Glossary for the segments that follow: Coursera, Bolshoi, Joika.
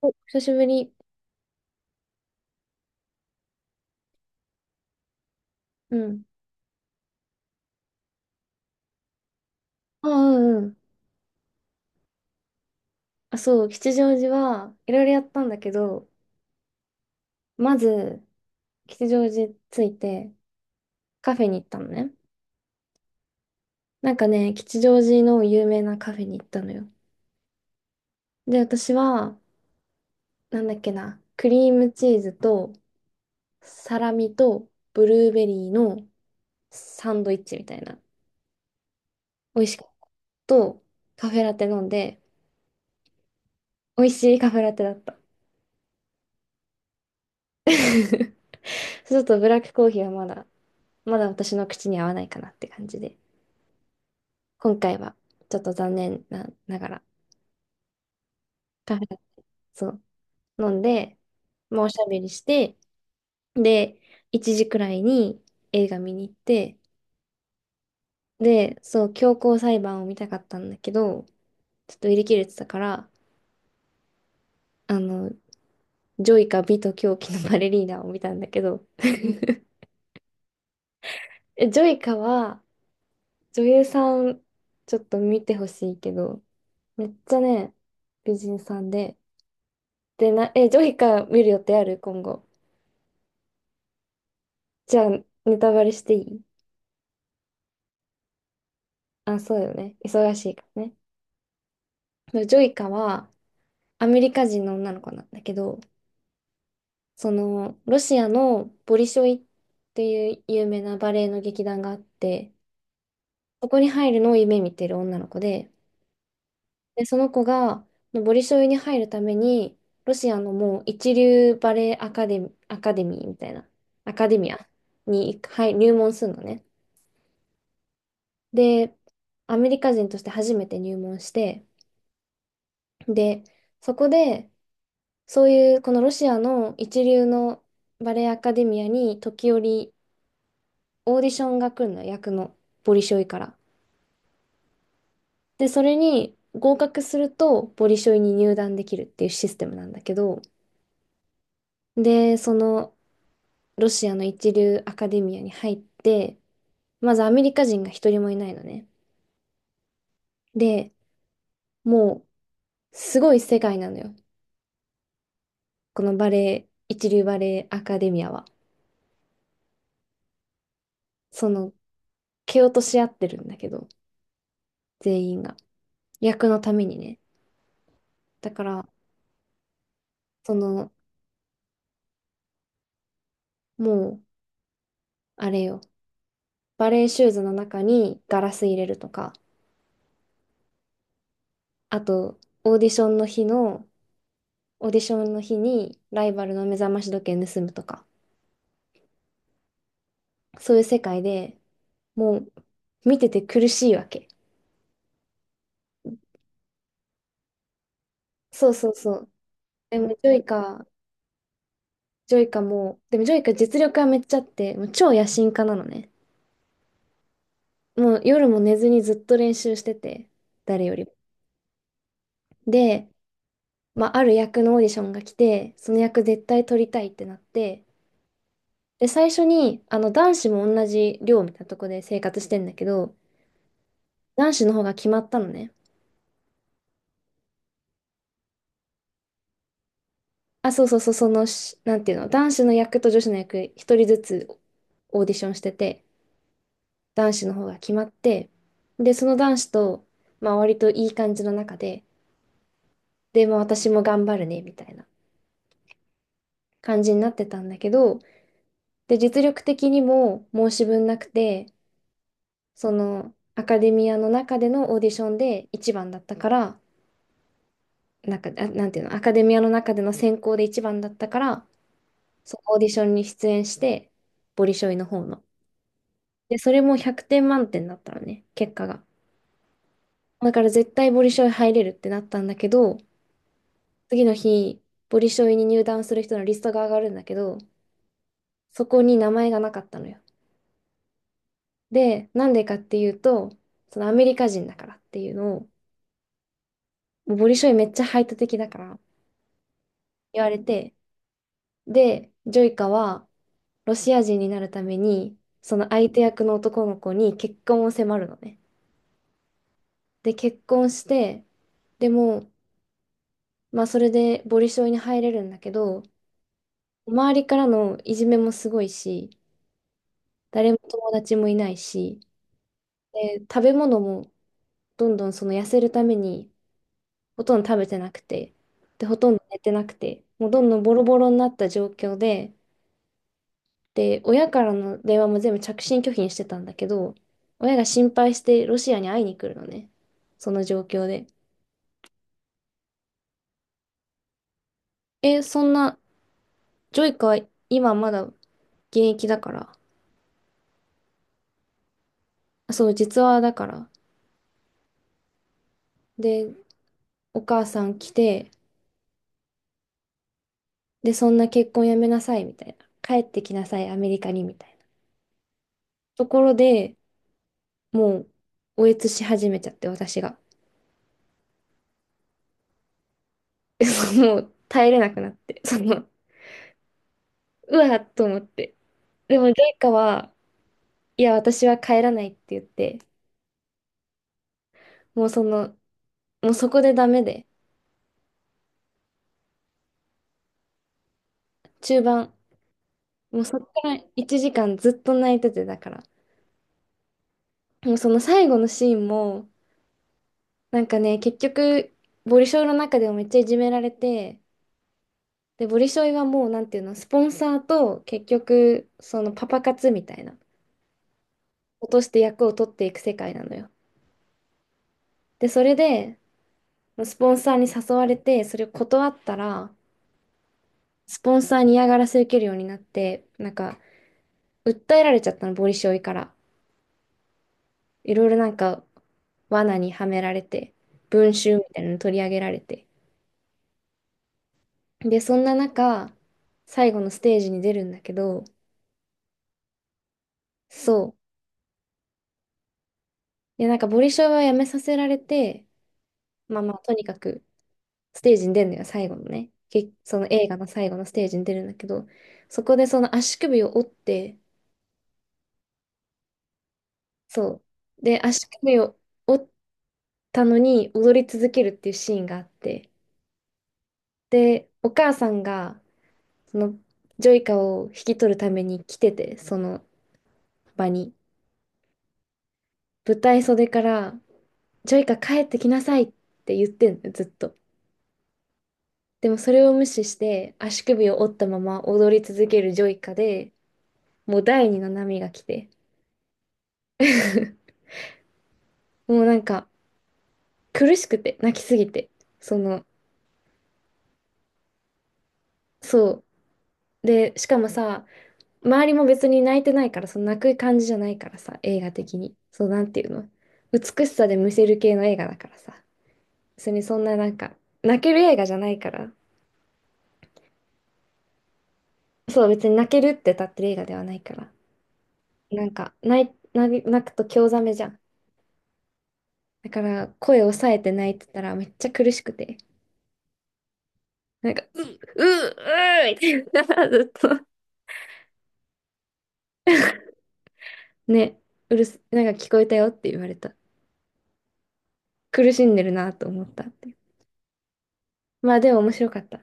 お、久しぶり。うん。あ、うんうん。あ、そう、吉祥寺はいろいろやったんだけど、まず、吉祥寺着いてカフェに行ったのね。なんかね、吉祥寺の有名なカフェに行ったのよ。で、私は、なんだっけな、クリームチーズとサラミとブルーベリーのサンドイッチみたいな。美味しかった。と、カフェラテ飲んで、美味しいカフェラテだった。ちょっとブラックコーヒーはまだ、まだ私の口に合わないかなって感じで。今回はちょっと残念な、ながら、カフェ、そう、飲んで、まあ、おしゃべりして、で、1時くらいに映画見に行って、で、そう、強行裁判を見たかったんだけど、ちょっと売り切れてたから、あの、ジョイカ、美と狂気のバレリーナを見たんだけど、ジョイカは女優さん、ちょっと見てほしいけど、めっちゃね、美人さんで、でな、ジョイカ見る予定ある今後？じゃあ、ネタバレしていい？あ、そうよね。忙しいからね。でジョイカはアメリカ人の女の子なんだけど、その、ロシアのボリショイっていう有名なバレエの劇団があって、そこに入るのを夢見てる女の子で、で、その子が、ボリショイに入るために、ロシアのもう一流バレエアカデミーみたいな、アカデミアに入門するのね。で、アメリカ人として初めて入門して、で、そこで、そういうこのロシアの一流のバレエアカデミアに時折オーディションが来るの、役のボリショイから。で、それに合格するとボリショイに入団できるっていうシステムなんだけど、で、そのロシアの一流アカデミアに入って、まずアメリカ人が一人もいないのね。で、もうすごい世界なのよ。このバレエ、一流バレエアカデミアは。その、蹴落とし合ってるんだけど、全員が。役のためにね。だから、その、もう、あれよ、バレーシューズの中にガラス入れるとか、あと、オーディションの日の、オーディションの日にライバルの目覚まし時計盗むとか、そういう世界でもう、見てて苦しいわけ。そうそうそう。でも、ジョイカ実力はめっちゃあって、もう超野心家なのね。もう夜も寝ずにずっと練習してて、誰よりも。で、まあ、ある役のオーディションが来て、その役絶対取りたいってなって、で、最初に、男子も同じ寮みたいなとこで生活してんだけど、男子の方が決まったのね。あ、そうそうそう、そのし、なんていうの、男子の役と女子の役、一人ずつオーディションしてて、男子の方が決まって、で、その男子と、まあ、割といい感じの中で、で、まあ、私も頑張るね、みたいな感じになってたんだけど、で、実力的にも申し分なくて、その、アカデミアの中でのオーディションで一番だったから、なんか、あ、なんていうの、アカデミアの中での選考で一番だったから、そのオーディションに出演して、ボリショイの方の。で、それも100点満点だったのね、結果が。だから絶対ボリショイ入れるってなったんだけど、次の日、ボリショイに入団する人のリストが上がるんだけど、そこに名前がなかったのよ。で、なんでかっていうと、そのアメリカ人だからっていうのを、もうボリショイめっちゃ排他的だから言われて、で、ジョイカはロシア人になるために、その相手役の男の子に結婚を迫るのね。で、結婚して、でも、まあそれでボリショイに入れるんだけど、周りからのいじめもすごいし、誰も友達もいないし、で、食べ物もどんどんその痩せるためにほとんど食べてなくて、で、ほとんど寝てなくて、もうどんどんボロボロになった状況で、で、親からの電話も全部着信拒否にしてたんだけど、親が心配してロシアに会いに来るのね。その状況で。そんな、ジョイカは今まだ現役だから。あそう、実話だから。で、お母さん来て、で、そんな結婚やめなさい、みたいな。帰ってきなさい、アメリカに、みたいな。ところで、もう、おえつし始めちゃって、私が。そうもう、耐えれなくなって。その、うわっと思って。でも、ジョイカは、いや、私は帰らないって言って、もうその、もうそこでダメで、中盤、もうそこから1時間ずっと泣いてて、だから。もうその最後のシーンも、なんかね、結局、ボリショイの中でもめっちゃいじめられて、で、ボリショイはもう、なんていうの、スポンサーと、結局、そのパパ活みたいな、落として役を取っていく世界なのよ。で、それで、スポンサーに誘われて、それを断ったら、スポンサーに嫌がらせ受けるようになって、なんか、訴えられちゃったの、ボリショイから。いろいろなんか罠にはめられて、文集みたいなの取り上げられて。で、そんな中、最後のステージに出るんだけど、そう。で、なんかボリショイはやめさせられて、まあまあ、とにかくステージに出るのよ、最後のね。その映画の最後のステージに出るんだけど、そこでその足首を折って、そう。で、足首を折ったのに踊り続けるっていうシーンがあって、で、お母さんがそのジョイカを引き取るために来てて、その場に。舞台袖から、ジョイカ帰ってきなさいって言ってんの、ずっと。でもそれを無視して、足首を折ったまま踊り続けるジョイカで、もう第二の波が来て もうなんか苦しくて、泣きすぎて。その、そう。で、しかもさ、周りも別に泣いてないから、その泣く感じじゃないからさ、映画的に。そう、なんていうの。美しさでむせる系の映画だからさ。別にそんななんか、泣ける映画じゃないから。そう、別に泣けるって立ってる映画ではないから。なんか、泣い、泣泣くと興ざめじゃん。だから、声を抑えて泣いてたらめっちゃ苦しくて。なんか、ううううーみたいな、ずっと。ね、うるす、なんか聞こえたよって言われた。苦しんでるなと思ったって。まあでも面白かった。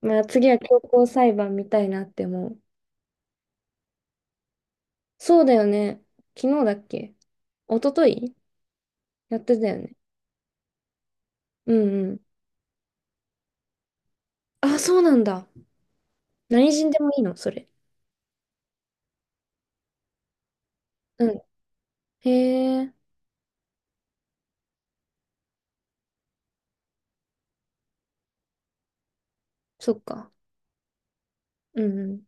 まあ次は強行裁判見たいなって思う。そうだよね。昨日だっけ？一昨日やってたよね。うんうん。あ、そうなんだ。何人でもいいの、それ？うん。へえ、そっか。うんうん。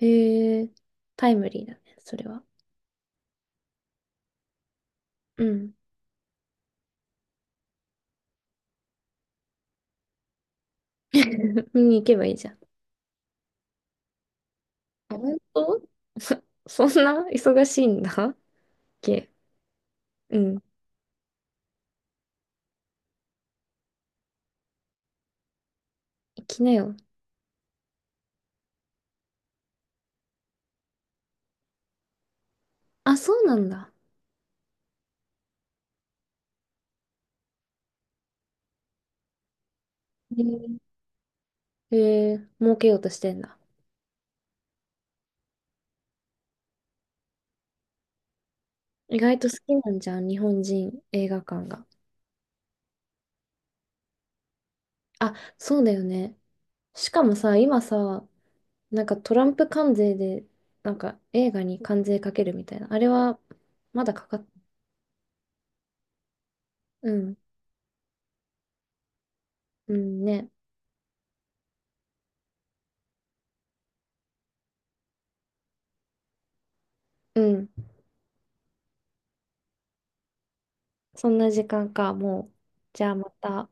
へえ、タイムリーだね、それは。うん。見に行けばいいじゃん。あ本当？そ、そんな忙しいんだっけ？うん。行きなよ。あ、そうなんだ。へえ、へえ儲けようとしてんだ。意外と好きなんじゃん、日本人映画館が。あ、そうだよね。しかもさ、今さ、なんかトランプ関税で、なんか映画に関税かけるみたいな。あれは、まだかかっ、うん、うんね。うん。そんな時間か、もう。じゃあまた。